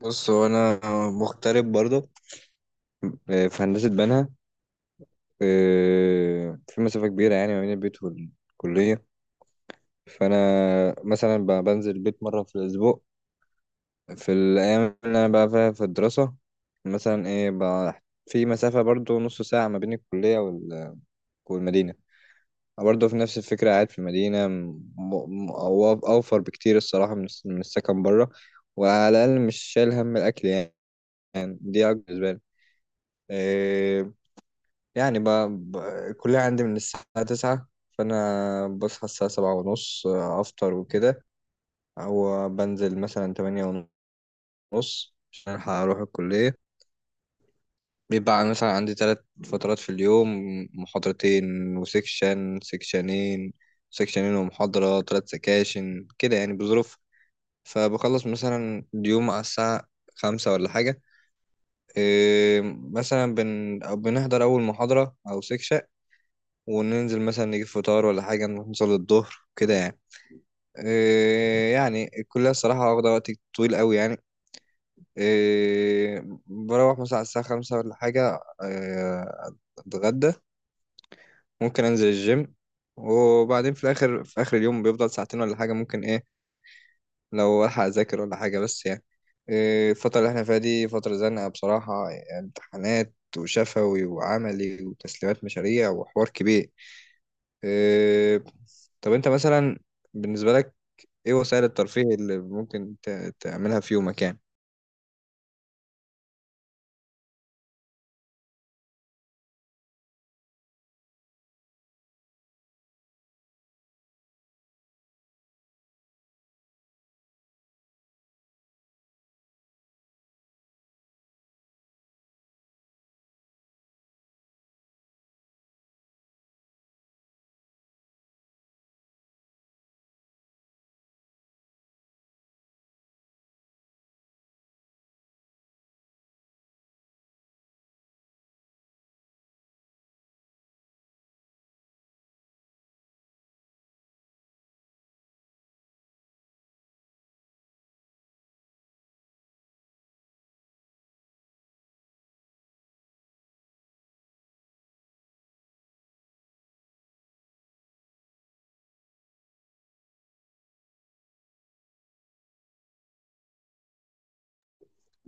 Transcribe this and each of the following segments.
بص هو انا مغترب برضه، في هندسه بنها. في مسافه كبيره يعني ما بين البيت والكليه. فانا مثلا بنزل البيت مره في الاسبوع، في الايام اللي انا بقى فيها في الدراسه. مثلا ايه بقى، في مسافه برضه نص ساعه ما بين الكليه والمدينه. برضه في نفس الفكره، قاعد في المدينه اوفر بكتير الصراحه من السكن بره، وعلى الاقل مش شايل هم الاكل يعني. يعني دي أكبر بالنسبه لي. آه، يعني ب... الكلية عندي من الساعة 9، فأنا بصحى الساعة 7:30، أفطر وكده، أو بنزل مثلا 8:30 عشان ألحق أروح الكلية. بيبقى مثلا عندي تلات فترات في اليوم، محاضرتين وسكشن سكشنين ومحاضرة، تلات سكاشن كده يعني بظروف. فبخلص مثلا اليوم على الساعة 5 ولا حاجة. إيه، مثلا أو بنحضر أول محاضرة أو سكشن، وننزل مثلا نجيب فطار ولا حاجة، نروح نصلي الظهر كده يعني. إيه يعني الكلية الصراحة واخدة وقت طويل قوي يعني. إيه بروح مثلا على الساعة 5 ولا حاجة، إيه أتغدى، ممكن أنزل الجيم، وبعدين في الآخر، في آخر اليوم بيفضل ساعتين ولا حاجة، ممكن إيه لو ألحق أذاكر ولا حاجة، بس يعني إيه، الفترة اللي إحنا فيها دي فترة زنقة بصراحة، يعني امتحانات وشفوي وعملي وتسليمات مشاريع وحوار كبير. إيه، طب انت مثلا، بالنسبة لك ايه وسائل الترفيه اللي ممكن تعملها في يومك يعني؟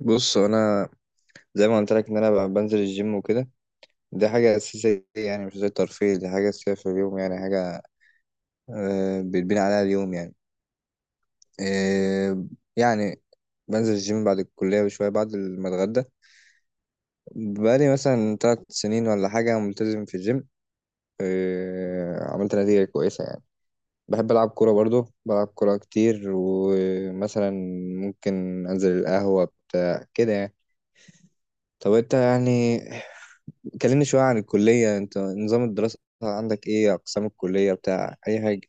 بص انا زي ما قلت لك ان انا بنزل الجيم وكده. دي حاجة أساسية، يعني مش زي الترفيه، دي حاجة أساسية في اليوم، يعني حاجة بيتبني عليها اليوم يعني. آه، يعني بنزل الجيم بعد الكلية بشوية، بعد ما اتغدى. بقالي مثلا 3 سنين ولا حاجة ملتزم في الجيم، عملت نتيجة كويسة يعني. بحب ألعب كورة برضو، بلعب كورة كتير، ومثلا ممكن أنزل القهوة بتاع كده يعني. طب أنت يعني، كلمني شوية عن الكلية. أنت نظام الدراسة عندك إيه؟ أقسام الكلية بتاع أي حاجة؟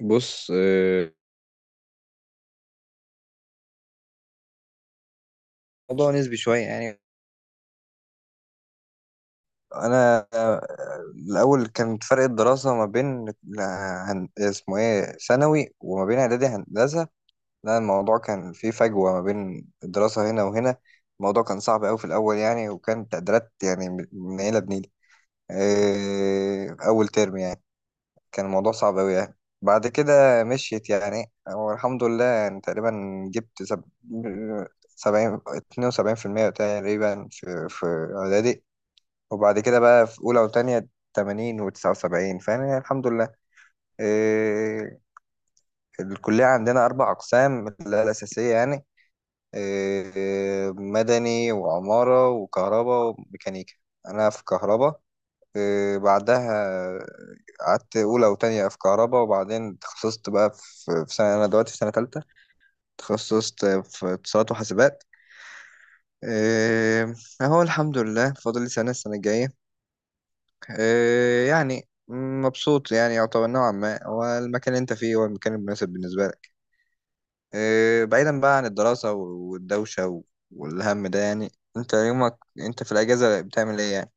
بص، الموضوع نسبي شوية يعني. أنا الأول كان فرق الدراسة ما بين اسمه إيه ثانوي وما بين إعدادي هندسة. لا، الموضوع كان فيه فجوة ما بين الدراسة هنا وهنا، الموضوع كان صعب أوي في الأول يعني، وكان تقديرات يعني من عيلة بنيلة. إيه، أول ترم يعني كان الموضوع صعب أوي يعني. بعد كده مشيت يعني، والحمد لله يعني تقريبا جبت 70، 72% تقريبا، في إعدادي. وبعد كده بقى في أولى وتانية 80 و79، فأنا الحمد لله. إيه، الكلية عندنا أربع أقسام اللي هي الأساسية يعني، مدني وعمارة وكهرباء وميكانيكا. أنا في كهرباء. بعدها قعدت أولى وتانية في كهرباء، وبعدين تخصصت بقى في سنة، أنا دلوقتي في سنة تالتة، تخصصت في اتصالات وحاسبات. آه، أهو الحمد لله فاضل لي سنة، السنة الجاية. يعني مبسوط يعني، يعتبر نوعا ما هو المكان اللي أنت فيه هو المكان المناسب بالنسبة لك. إيه، بعيدا بقى عن الدراسة والدوشة والهم ده يعني، انت يومك انت في الأجازة بتعمل ايه يعني؟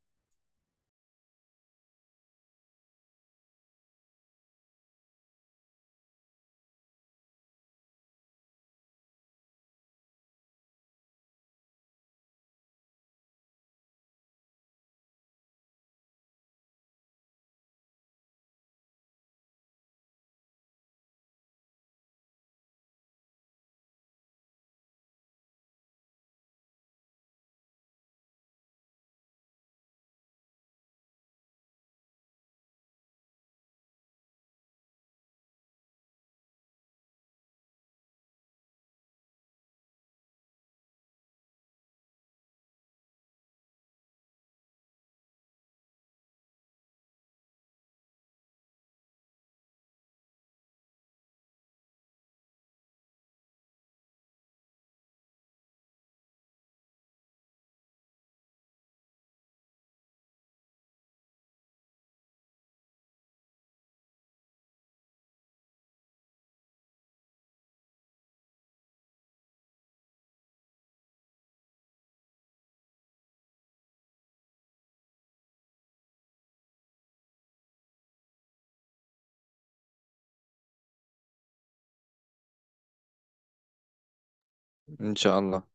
ان شاء الله.